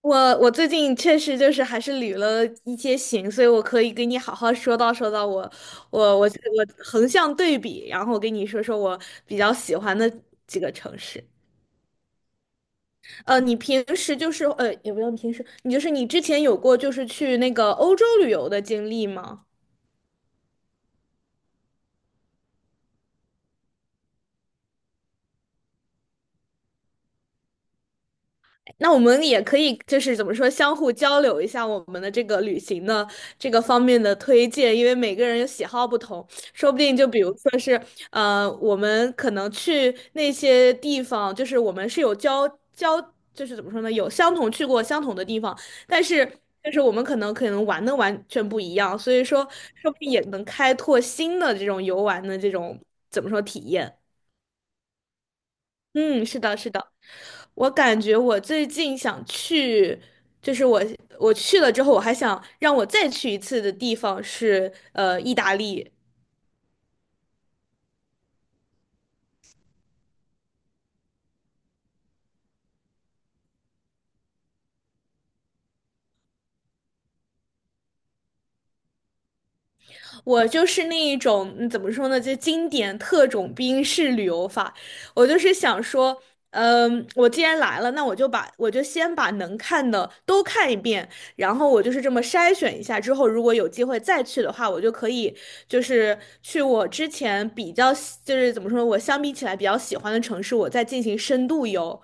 我最近确实就是还是旅了一些行，所以我可以给你好好说道说道我横向对比，然后跟你说说我比较喜欢的几个城市。你平时就是也不用平时，你就是你之前有过就是去那个欧洲旅游的经历吗？那我们也可以就是怎么说，相互交流一下我们的这个旅行的这个方面的推荐，因为每个人喜好不同，说不定就比如说是我们可能去那些地方，就是我们是有交，就是怎么说呢，有相同去过相同的地方，但是就是我们可能玩的完全不一样，所以说说不定也能开拓新的这种游玩的这种怎么说体验。嗯，是的，是的，我感觉我最近想去，就是我去了之后，我还想让我再去一次的地方是意大利。我就是那一种，嗯怎么说呢，就经典特种兵式旅游法。我就是想说，嗯，我既然来了，那我就先把能看的都看一遍，然后我就是这么筛选一下，之后如果有机会再去的话，我就可以就是去我之前比较喜就是怎么说，我相比起来比较喜欢的城市，我再进行深度游。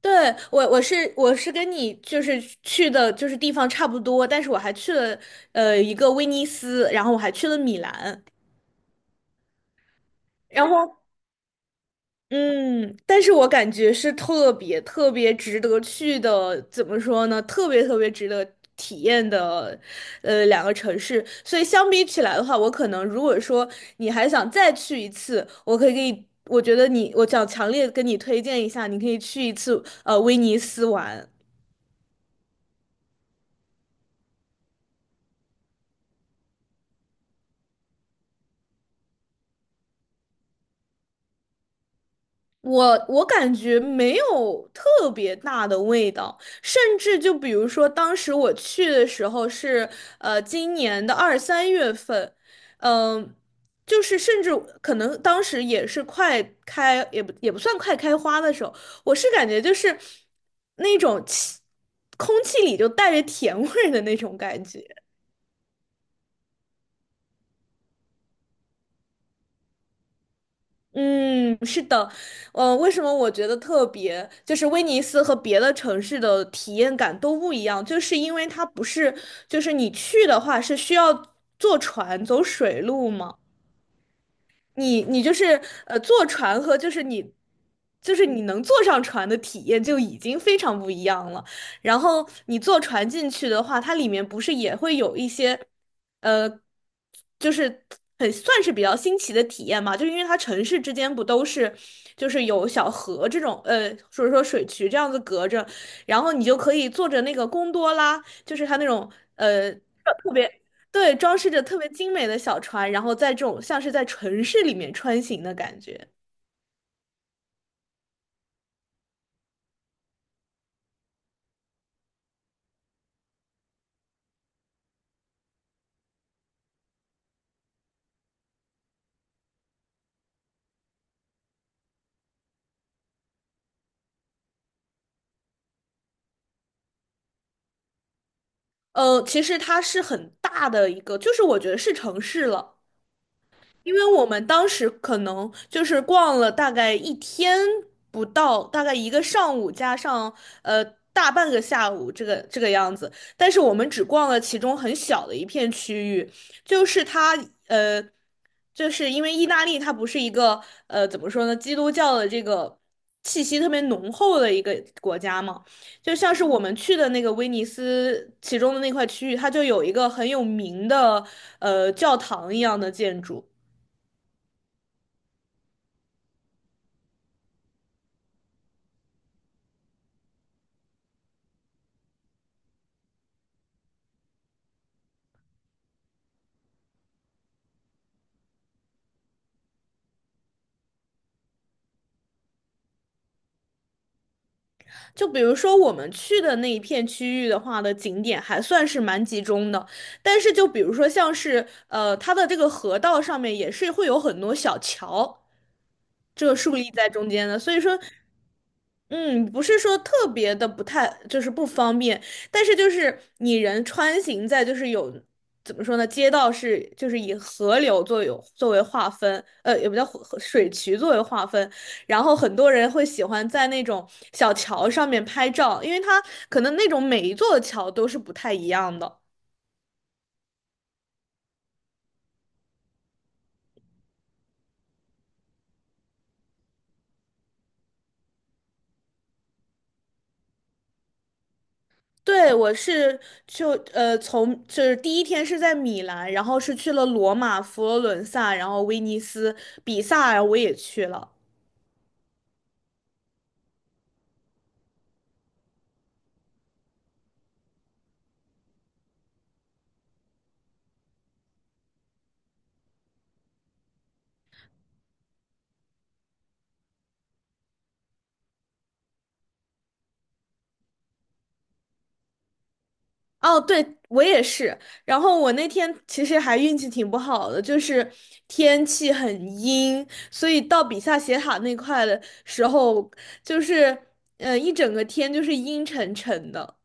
对，我是跟你就是去的就是地方差不多，但是我还去了一个威尼斯，然后我还去了米兰，然后嗯，但是我感觉是特别特别值得去的，怎么说呢？特别特别值得体验的两个城市，所以相比起来的话，我可能如果说你还想再去一次，我可以给你，我觉得你我想强烈跟你推荐一下，你可以去一次威尼斯玩。我感觉没有特别大的味道，甚至就比如说当时我去的时候是今年的二三月份，嗯、就是甚至可能当时也是快开，也不算快开花的时候，我是感觉就是那种气，空气里就带着甜味儿的那种感觉。嗯，是的，为什么我觉得特别，就是威尼斯和别的城市的体验感都不一样，就是因为它不是，就是你去的话是需要坐船走水路嘛。你就是坐船和就是你就是你能坐上船的体验就已经非常不一样了。然后你坐船进去的话，它里面不是也会有一些呃，就是很算是比较新奇的体验嘛，就是因为它城市之间不都是就是有小河这种所以说水渠这样子隔着，然后你就可以坐着那个贡多拉，就是它那种呃。特别。对，装饰着特别精美的小船，然后在这种像是在城市里面穿行的感觉。其实它是很大的一个，就是我觉得是城市了，因为我们当时可能就是逛了大概一天不到，大概一个上午加上呃大半个下午，这个样子。但是我们只逛了其中很小的一片区域，就是它呃，就是因为意大利它不是一个怎么说呢，基督教的这个气息特别浓厚的一个国家嘛。就像是我们去的那个威尼斯其中的那块区域，它就有一个很有名的教堂一样的建筑。就比如说我们去的那一片区域的话的景点还算是蛮集中的，但是就比如说像是它的这个河道上面也是会有很多小桥，这个竖立在中间的，所以说。嗯，不是说特别的不太，就是不方便，但是就是你人穿行在就是有怎么说呢，街道是就是以河流作有作为划分，也不叫河水渠作为划分，然后很多人会喜欢在那种小桥上面拍照，因为它可能那种每一座桥都是不太一样的。对，我是就从就是第一天是在米兰，然后是去了罗马、佛罗伦萨，然后威尼斯、比萨，我也去了。哦，对，我也是。然后我那天其实还运气挺不好的，就是天气很阴，所以到比萨斜塔那块的时候，就是一整个天就是阴沉沉的。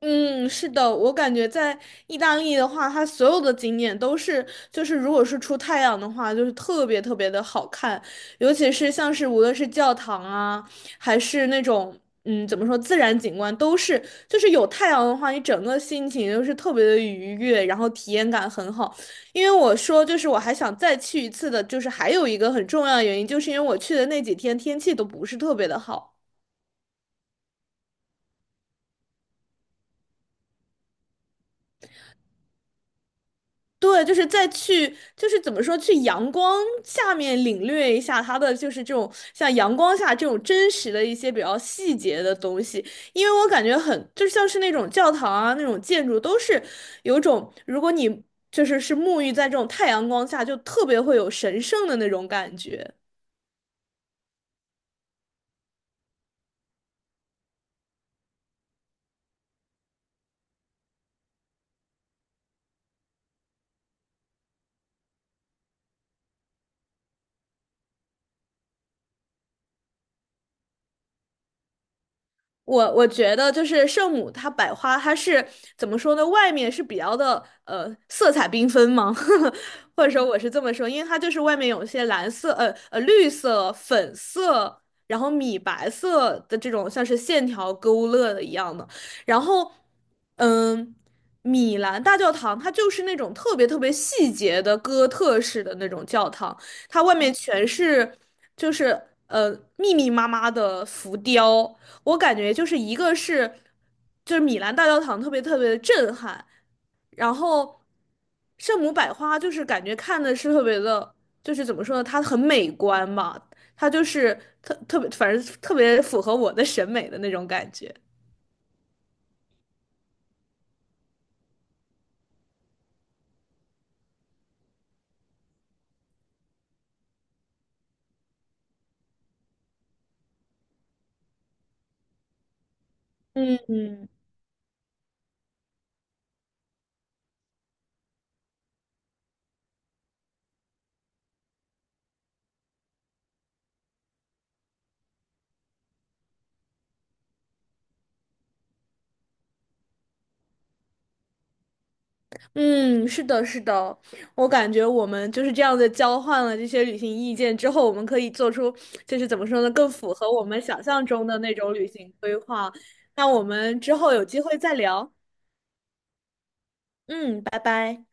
嗯，是的，我感觉在意大利的话，它所有的景点都是，就是如果是出太阳的话，就是特别特别的好看，尤其是像是无论是教堂啊，还是那种嗯怎么说自然景观，都是就是有太阳的话，你整个心情就是特别的愉悦，然后体验感很好。因为我说就是我还想再去一次的，就是还有一个很重要的原因，就是因为我去的那几天天气都不是特别的好。对，就是再去，就是怎么说，去阳光下面领略一下它的，就是这种像阳光下这种真实的一些比较细节的东西，因为我感觉很，就像是那种教堂啊，那种建筑都是有种，如果你就是沐浴在这种太阳光下，就特别会有神圣的那种感觉。我觉得就是圣母它百花，它是怎么说呢？外面是比较的色彩缤纷吗？或者说我是这么说，因为它就是外面有一些蓝色、绿色、粉色，然后米白色的这种像是线条勾勒的一样的。然后，嗯，米兰大教堂它就是那种特别特别细节的哥特式的那种教堂，它外面全是就是呃密密麻麻的浮雕。我感觉就是一个是，就是米兰大教堂特别特别的震撼，然后圣母百花就是感觉看的是特别的，就是怎么说呢，它很美观嘛，它就是特特别，反正特别符合我的审美的那种感觉。嗯嗯，嗯，是的，是的，我感觉我们就是这样的交换了这些旅行意见之后，我们可以做出就是怎么说呢，更符合我们想象中的那种旅行规划。那我们之后有机会再聊。嗯，拜拜。